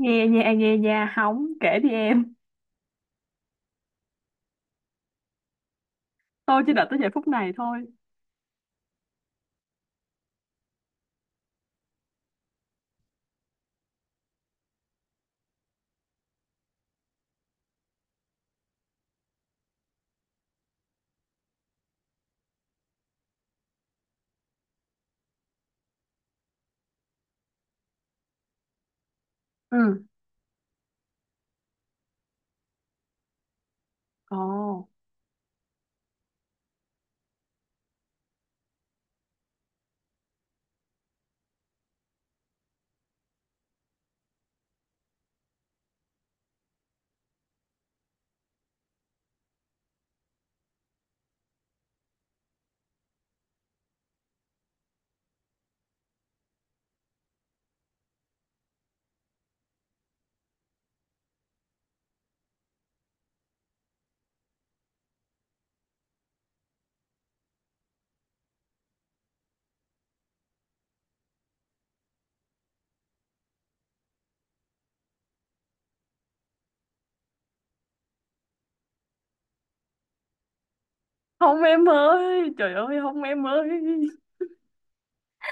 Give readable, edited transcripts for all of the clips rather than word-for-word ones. Nghe nha, nghe nha, hóng, kể đi em. Tôi chỉ đợi tới giây phút này thôi. Ừ. Ồ, không em ơi, trời ơi, không em ơi,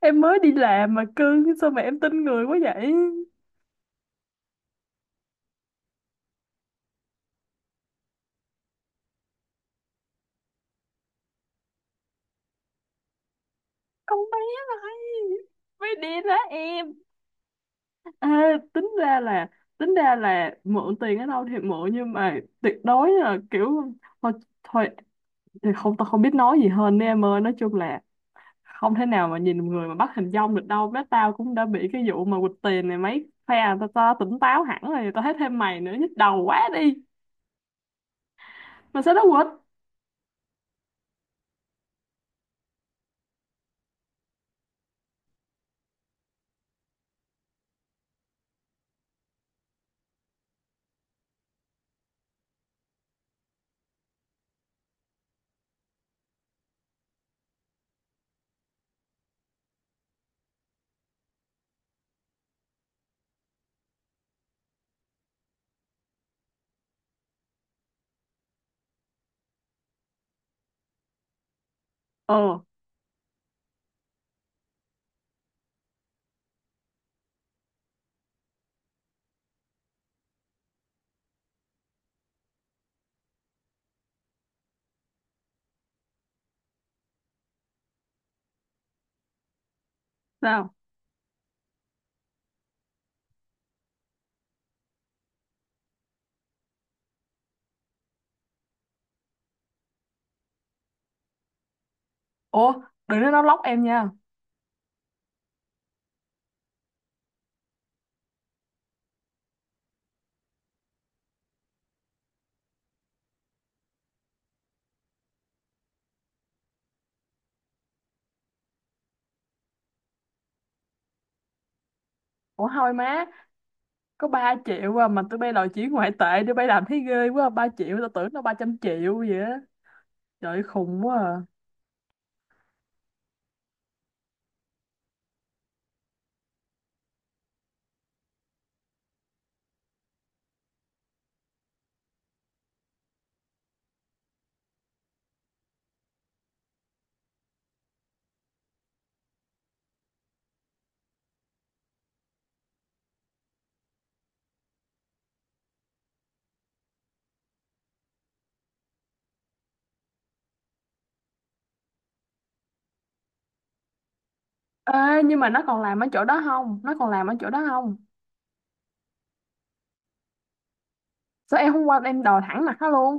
em mới đi làm mà cưng, sao mà em tin người quá vậy. Con bé này mới đi đó em. Ê, tính ra là, tính ra là mượn tiền ở đâu thì mượn, nhưng mà tuyệt đối là kiểu thôi thôi thì không, tao không biết nói gì hơn nữa em ơi. Nói chung là không thể nào mà nhìn một người mà bắt hình dong được đâu bé. Tao cũng đã bị cái vụ mà quỵt tiền này mấy phe à, tao tỉnh táo hẳn rồi, tao thấy thêm mày nữa nhức đầu quá đi. Mà sao nó quỵt? ờ Sao? Ủa, đừng nói nó lóc em nha. Ủa thôi má, có 3 triệu à, mà tụi bay đòi chuyển ngoại tệ, tụi bay làm thấy ghê quá. Ba triệu tao tưởng nó 300 triệu vậy á. Trời ơi, khùng quá à. Ê, nhưng mà nó còn làm ở chỗ đó không, nó còn làm ở chỗ đó không? Sao em hôm qua em đòi thẳng mặt nó luôn.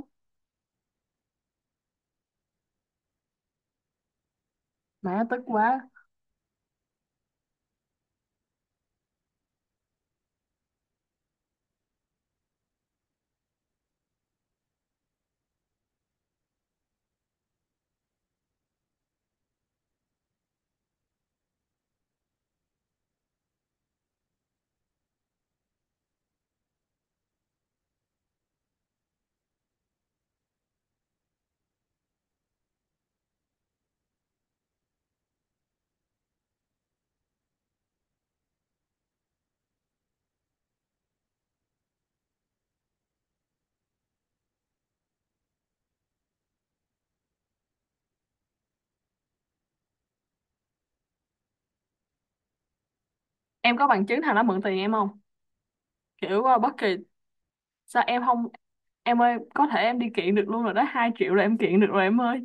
Mẹ, tức quá. Em có bằng chứng thằng nó mượn tiền em không? Kiểu bất kỳ. Sao em không? Em ơi, có thể em đi kiện được luôn rồi đó, 2 triệu là em kiện được rồi em ơi.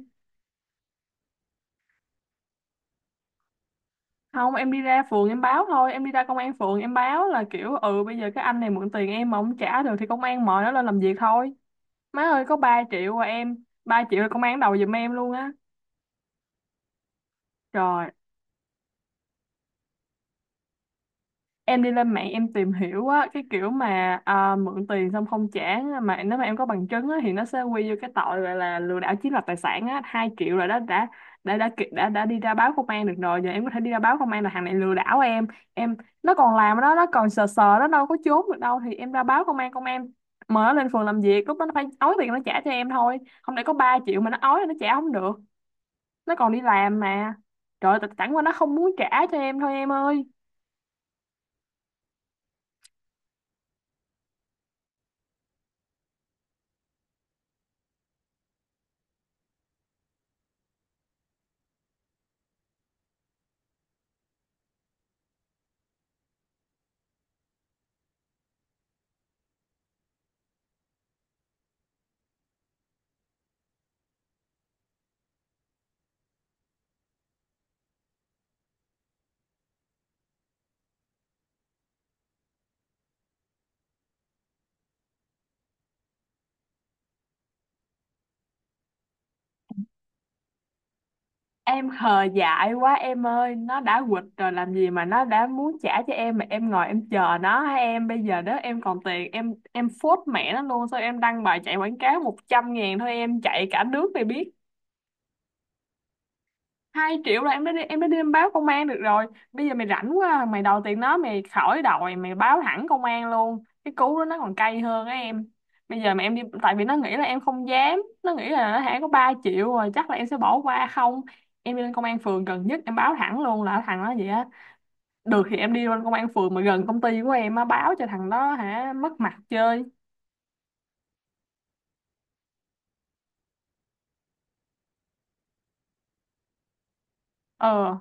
Không, em đi ra phường em báo thôi, em đi ra công an phường em báo là kiểu ừ bây giờ cái anh này mượn tiền em mà không trả được, thì công an mời nó lên làm việc thôi. Má ơi, có 3 triệu mà, em 3 triệu là công an đầu giùm em luôn á. Trời, em đi lên mạng em tìm hiểu á, cái kiểu mà mượn tiền xong không trả, mà nếu mà em có bằng chứng á, thì nó sẽ quy vô cái tội gọi là lừa đảo chiếm đoạt tài sản á. 2 triệu rồi đó, đã, đã đi ra báo công an được rồi. Giờ em có thể đi ra báo công an là thằng này lừa đảo em. Em, nó còn làm đó, nó còn sờ sờ, nó đâu có trốn được đâu. Thì em ra báo công an, công an mời nó lên phường làm việc, lúc đó nó phải ói tiền nó trả cho em thôi. Không để có 3 triệu mà nó ói là nó trả không được. Nó còn đi làm mà. Trời ơi, tại- chẳng qua nó không muốn trả cho em thôi em ơi. Em hờ dại quá em ơi, nó đã quỵt rồi làm gì mà nó đã muốn trả cho em, mà em ngồi em chờ nó hả em? Bây giờ đó em còn tiền, em phốt mẹ nó luôn, sao em đăng bài chạy quảng cáo 100 ngàn thôi em chạy cả nước này biết. Hai triệu là em đã đi, em đã đi em báo công an được rồi. Bây giờ mày rảnh quá à, mày đòi tiền nó mày khỏi đòi, mày báo thẳng công an luôn, cái cú đó nó còn cay hơn á em. Bây giờ mà em đi, tại vì nó nghĩ là em không dám, nó nghĩ là nó hả có 3 triệu rồi chắc là em sẽ bỏ qua không. Em đi lên công an phường gần nhất em báo thẳng luôn là thằng đó vậy á. Được thì em đi lên công an phường mà gần công ty của em á, báo cho thằng đó hả mất mặt chơi. ờ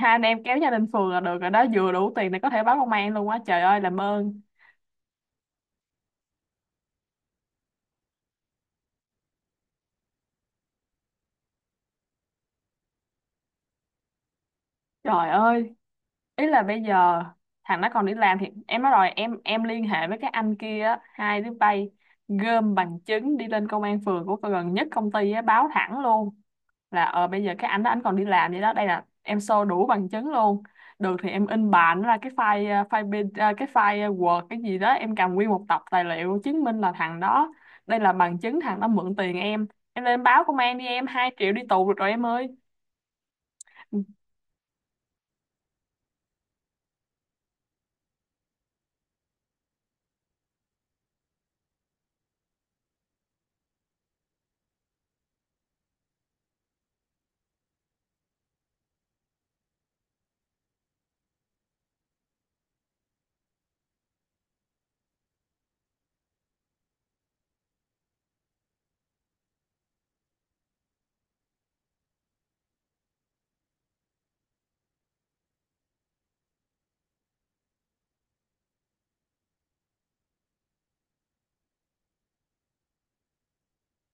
Hai anh em kéo nhau lên phường là được rồi đó, vừa đủ tiền để có thể báo công an luôn á. Trời ơi, làm ơn. Trời ơi, ý là bây giờ thằng nó còn đi làm, thì em nói rồi, em liên hệ với các anh kia á, hai đứa bay gom bằng chứng đi lên công an phường của gần nhất công ty á, báo thẳng luôn là ờ bây giờ cái anh đó anh còn đi làm vậy đó, đây là em show đủ bằng chứng luôn. Được thì em in bản ra cái file file bên- cái file Word cái gì đó, em cầm nguyên một tập tài liệu chứng minh là thằng đó, đây là bằng chứng thằng đó mượn tiền em. Em lên báo công an đi em, 2 triệu đi tù được rồi em ơi.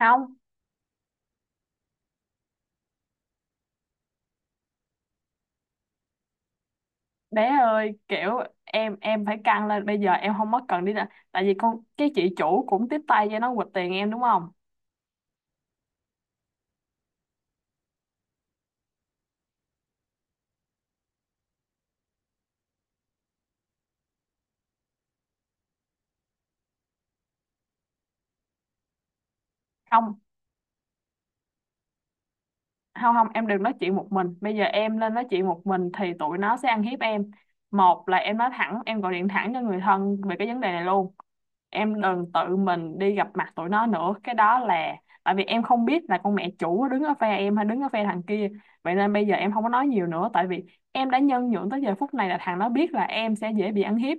Không bé ơi, kiểu em phải căng lên, bây giờ em không mất cần đi, là tại vì con cái chị chủ cũng tiếp tay cho nó quỵt tiền em đúng không? Không không, không em đừng nói chuyện một mình, bây giờ em lên nói chuyện một mình thì tụi nó sẽ ăn hiếp em. Một là em nói thẳng, em gọi điện thẳng cho người thân về cái vấn đề này luôn. Em đừng tự mình đi gặp mặt tụi nó nữa, cái đó là tại vì em không biết là con mẹ chủ đứng ở phe em hay đứng ở phe thằng kia. Vậy nên bây giờ em không có nói nhiều nữa, tại vì em đã nhân nhượng tới giờ phút này là thằng nó biết là em sẽ dễ bị ăn hiếp.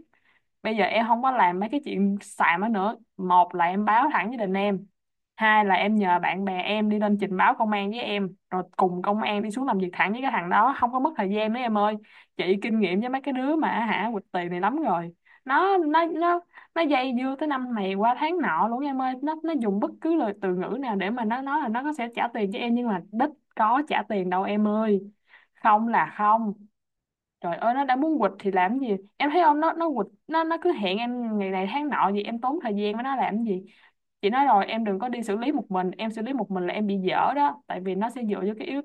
Bây giờ em không có làm mấy cái chuyện xàm đó nữa, một là em báo thẳng với đình em, hai là em nhờ bạn bè em đi lên trình báo công an với em, rồi cùng công an đi xuống làm việc thẳng với cái thằng đó, không có mất thời gian nữa em ơi. Chị kinh nghiệm với mấy cái đứa mà hả quỵt tiền này lắm rồi. Nó nó dây dưa tới năm này qua tháng nọ luôn em ơi, nó dùng bất cứ lời từ ngữ nào để mà nó nói là nó có sẽ trả tiền cho em, nhưng mà đích có trả tiền đâu em ơi. Không là không. Trời ơi, nó đã muốn quỵt thì làm gì. Em thấy không, nó nó quỵt, nó cứ hẹn em ngày này tháng nọ gì, em tốn thời gian với nó làm gì. Chị nói rồi, em đừng có đi xử lý một mình. Em xử lý một mình là em bị dở đó, tại vì nó sẽ dựa vô cái yếu.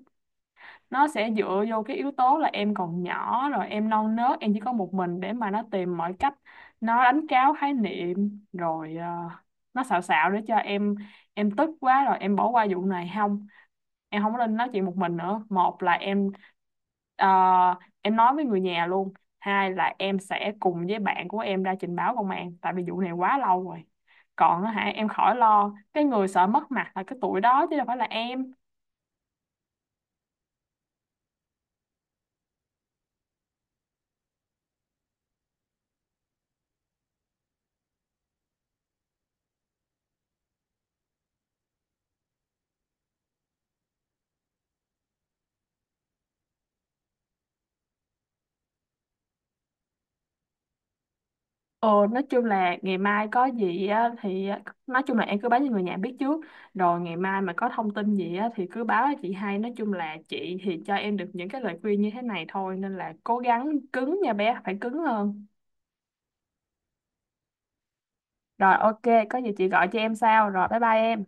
Nó sẽ dựa vô cái yếu tố là em còn nhỏ, rồi em non nớt, em chỉ có một mình, để mà nó tìm mọi cách. Nó đánh tráo khái niệm, rồi nó xạo xạo để cho em tức quá rồi em bỏ qua vụ này. Không, em không có nên nói chuyện một mình nữa, một là em ờ, em nói với người nhà luôn, hai là em sẽ cùng với bạn của em ra trình báo công an, tại vì vụ này quá lâu rồi. Còn á hả, em khỏi lo, cái người sợ mất mặt là cái tuổi đó chứ đâu phải là em. Ờ nói chung là ngày mai có gì á, thì á, nói chung là em cứ báo cho người nhà biết trước. Rồi ngày mai mà có thông tin gì á, thì cứ báo cho chị hay. Nói chung là chị thì cho em được những cái lời khuyên như thế này thôi, nên là cố gắng cứng nha bé, phải cứng hơn. Rồi, ok, có gì chị gọi cho em sau. Rồi bye bye em.